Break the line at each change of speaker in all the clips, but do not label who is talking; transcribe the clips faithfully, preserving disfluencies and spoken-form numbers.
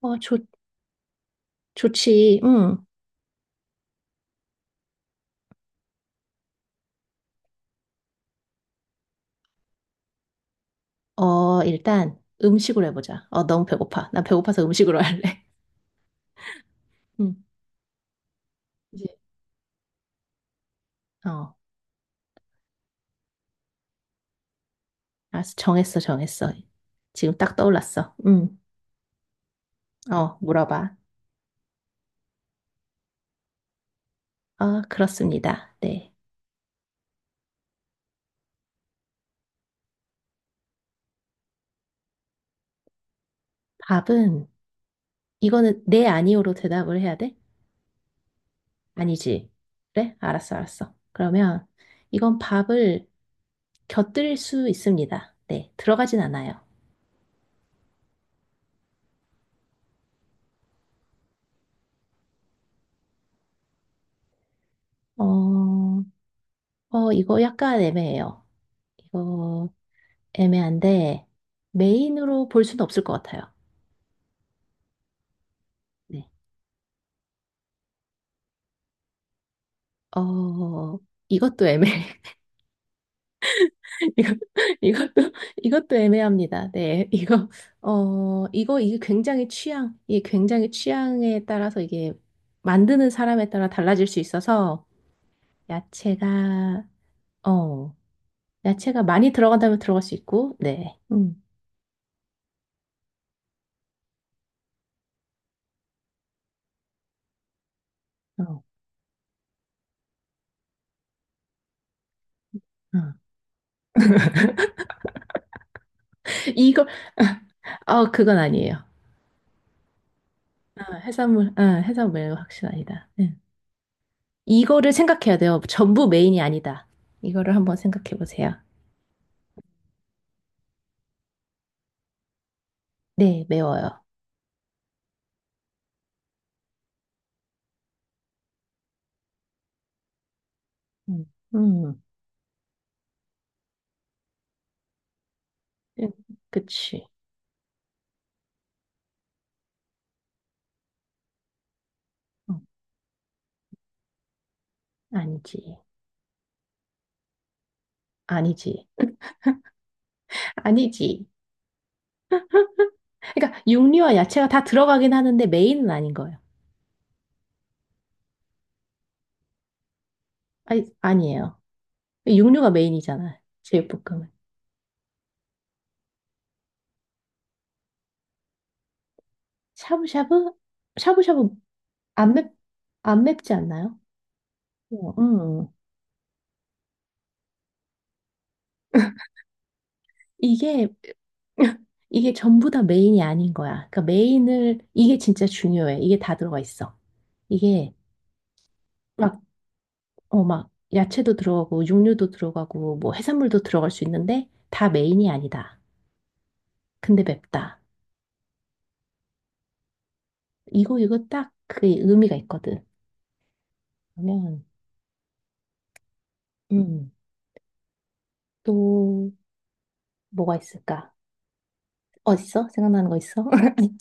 어, 좋, 좋지. 응. 어, 일단 음식으로 해보자. 어, 너무 배고파. 나 배고파서 음식으로 할래. 응. 이제 어, 알았어. 정했어, 정했어. 지금 딱 떠올랐어. 응. 어, 물어봐. 아, 그렇습니다. 네. 밥은, 이거는 네, 아니오로 대답을 해야 돼? 아니지. 그래? 알았어, 알았어. 그러면 이건 밥을 곁들일 수 있습니다. 네. 들어가진 않아요. 어, 어, 이거 약간 애매해요. 이거 애매한데 메인으로 볼 수는 없을 것 같아요. 네. 어, 이것도 애매해. 이거, 이것도, 이것도 애매합니다. 네. 이거, 어, 이거, 이게 굉장히 취향, 이게 굉장히 취향에 따라서 이게 만드는 사람에 따라 달라질 수 있어서 야채가, 어, 야채가 많이 들어간다면 들어갈 수 있고, 네. 음, 어, 어. 이걸, 어, 그건 아니에요. 어, 해산물, 어, 해산물 확실아니다. 이거를 생각해야 돼요. 전부 메인이 아니다. 이거를 한번 생각해 보세요. 네, 매워요. 음, 음, 음, 그치. 음. 아니지. 아니지. 아니지. 그러니까 육류와 야채가 다 들어가긴 하는데 메인은 아닌 거예요. 아니, 아니에요. 육류가 메인이잖아. 제육볶음은. 샤브샤브? 샤브샤브. 안 맵, 안 맵지 않나요? 어, 음. 이게 이게 전부 다 메인이 아닌 거야. 그러니까 메인을 이게 진짜 중요해. 이게 다 들어가 있어. 이게 막, 어, 막 야채도 들어가고 육류도 들어가고 뭐 해산물도 들어갈 수 있는데 다 메인이 아니다. 근데 맵다. 이거 이거 딱 그게 의미가 있거든. 그러면 음, 또 뭐가 있을까? 어딨어? 생각나는 거 있어?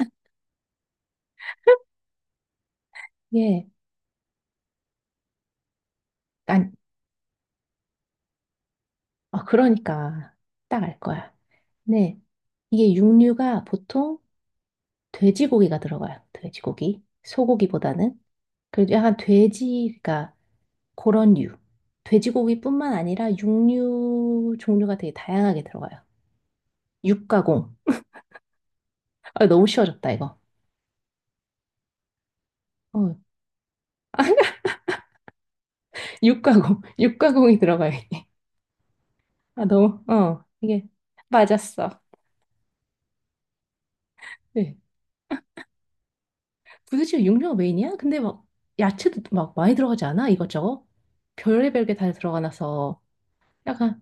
예. 아니, 아, 그러니까 딱 알 거야. 네. 이게 육류가 보통 돼지고기가 들어가요. 돼지고기. 소고기보다는. 그래도 약간 돼지가 그런 류. 돼지고기뿐만 아니라 육류 종류가 되게 다양하게 들어가요. 육가공. 아, 너무 쉬워졌다, 이거. 어, 육가공. 육가공이 들어가요, 이게. 아, 너무, 어, 이게. 맞았어. 네. 부대찌개 육류가 메인이야? 근데 막, 야채도 막 많이 들어가지 않아? 이것저것? 별의별 게 다 들어가나서 약간,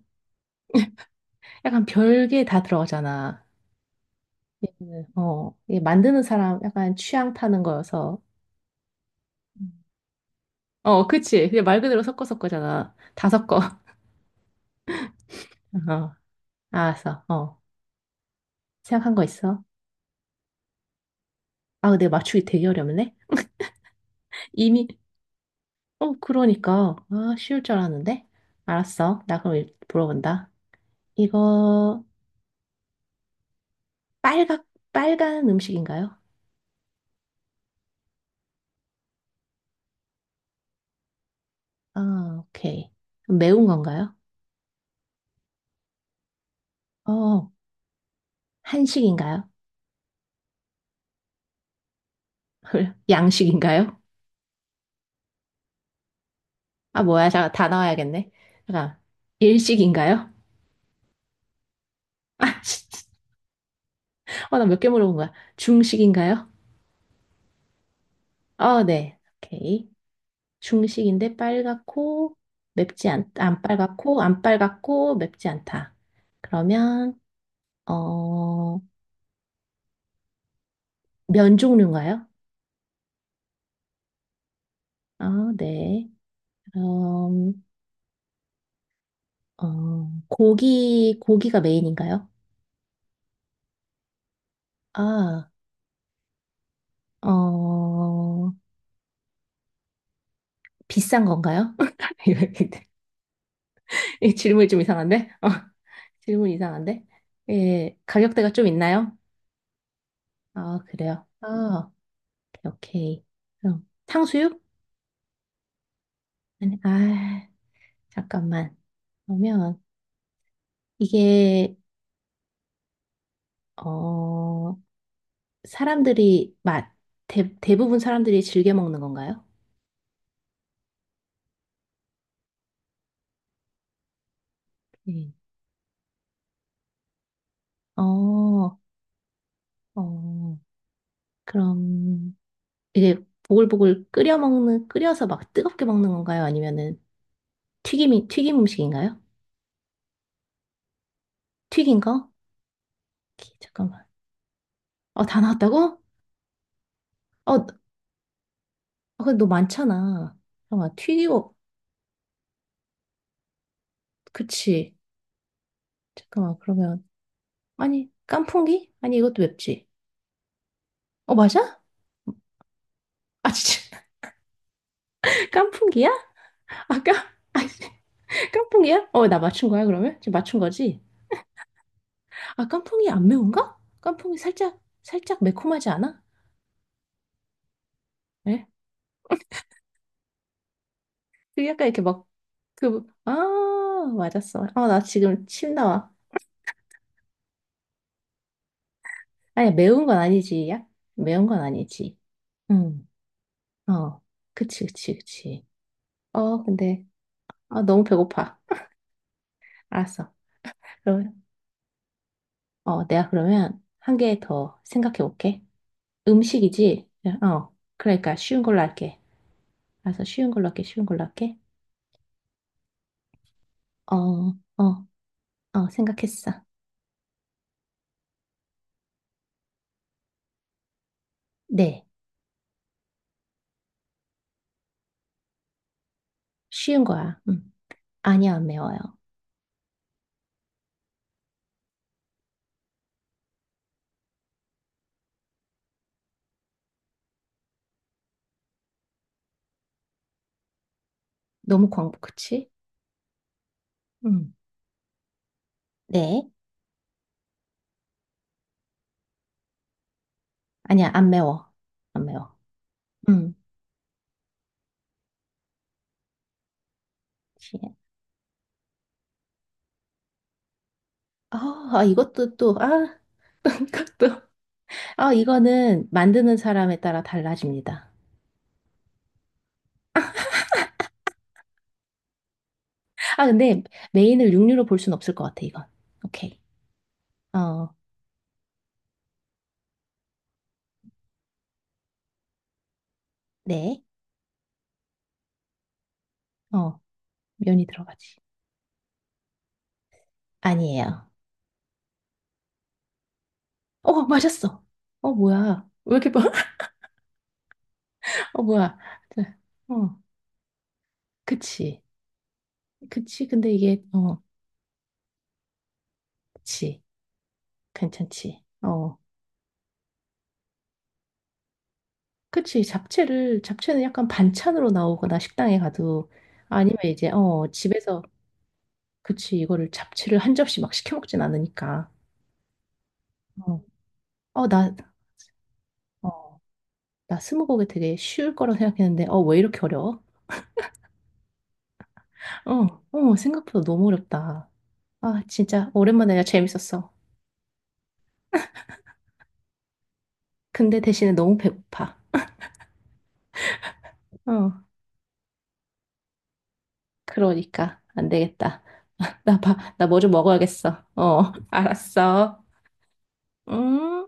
약간 별게 다 들어가잖아. 네. 어, 이 만드는 사람 약간 취향 파는 거여서. 음. 어, 그치. 그냥 말 그대로 섞어서 거잖아. 다 섞어. 어, 알았어. 어, 생각한 거 있어? 아, 근데 맞추기 되게 어렵네. 이미, 어, 그러니까. 아, 쉬울 줄 알았는데. 알았어. 나 그럼 일- 물어본다. 이거, 빨각, 빨간 음식인가요? 아, 오케이. 매운 건가요? 어, 한식인가요? 양식인가요? 아, 뭐야. 잠깐, 다 나와야겠네. 잠깐, 일식인가요? 아, 씨. 어, 나몇 개 물어본 거야. 중식인가요? 어, 네. 오케이. 중식인데 빨갛고 맵지 않, 안 빨갛고 안 빨갛고 맵지 않다. 그러면 어, 면 종류인가요? 어, 네. 그럼 어, 고기 고기가 메인인가요? 아, 어, 비싼 건가요? 이 질문이 좀 이상한데? 어, 질문 이상한데? 예, 가격대가 좀 있나요? 아, 그래요? 아, 오케이, 오케이. 그럼 탕수육? 아니, 아, 잠깐만. 그러면 이게 어 사람들이 맛 대, 대부분 사람들이 즐겨 먹는 건가요? 네. 어, 어, 그럼 이게 보글보글 끓여 먹는 끓여서 막 뜨겁게 먹는 건가요? 아니면은 튀김이 튀김 음식인가요? 튀긴 거? 오케이, 잠깐만. 어, 다 나왔다고? 어, 어, 근데 너 많잖아. 잠깐만, 튀기고, 그치. 잠깐만, 그러면. 아니, 깐풍기? 아니, 이것도 맵지. 어, 맞아? 아, 진짜. 깐풍기야? 아, 깐, 아, 깐풍기야? 어, 나 맞춘 거야, 그러면? 지금 맞춘 거지? 아, 깐풍이 안 매운가? 깐풍이 살짝, 살짝 매콤하지 않아? 예? 그 약간 이렇게 막, 그, 아, 맞았어. 아, 나 지금 침 나와. 아니, 매운 건 아니지, 야? 매운 건 아니지. 응, 어. 그치, 그치, 그치. 어, 근데, 아, 너무 배고파. 알았어. 그럼 어, 내가 그러면 한 개 더 생각해 볼게. 음식이지? 어, 그러니까 쉬운 걸로 할게. 알아서 쉬운 걸로 할게, 쉬운 걸로 할게. 어, 어, 어, 생각했어. 네, 쉬운 거야. 음. 아니야, 안 매워요. 너무 광복, 그치? 음. 네, 아니야, 안 매워. 안 매워. 음. 그치. 아, 아, 이것도 또, 아, 이것도. 아, 이거는 만드는 사람에 따라 달라집니다. 아, 근데 메인을 육류로 볼 순 없을 것 같아, 이건. 오케이. 어, 네. 어, 면이 들어가지. 아니에요. 어, 맞았어. 어, 뭐야. 왜 이렇게 봐? 어, 뭐야. 자, 어, 그치. 그치. 근데 이게, 어, 그치. 괜찮지. 어, 그치. 잡채를, 잡채는 약간 반찬으로 나오거나 식당에 가도 아니면 이제, 어, 집에서, 그치. 이거를 잡채를 한 접시 막 시켜 먹진 않으니까. 어, 어, 나, 어, 나 스무고개 되게 쉬울 거라 생각했는데, 어, 왜 이렇게 어려워? 어, 어, 생각보다 너무 어렵다. 아, 진짜 오랜만에 내가 재밌었어. 근데 대신에 너무 배고파. 어, 그러니까 안 되겠다. 나 봐, 나 뭐 좀 먹어야겠어. 어, 알았어. 음.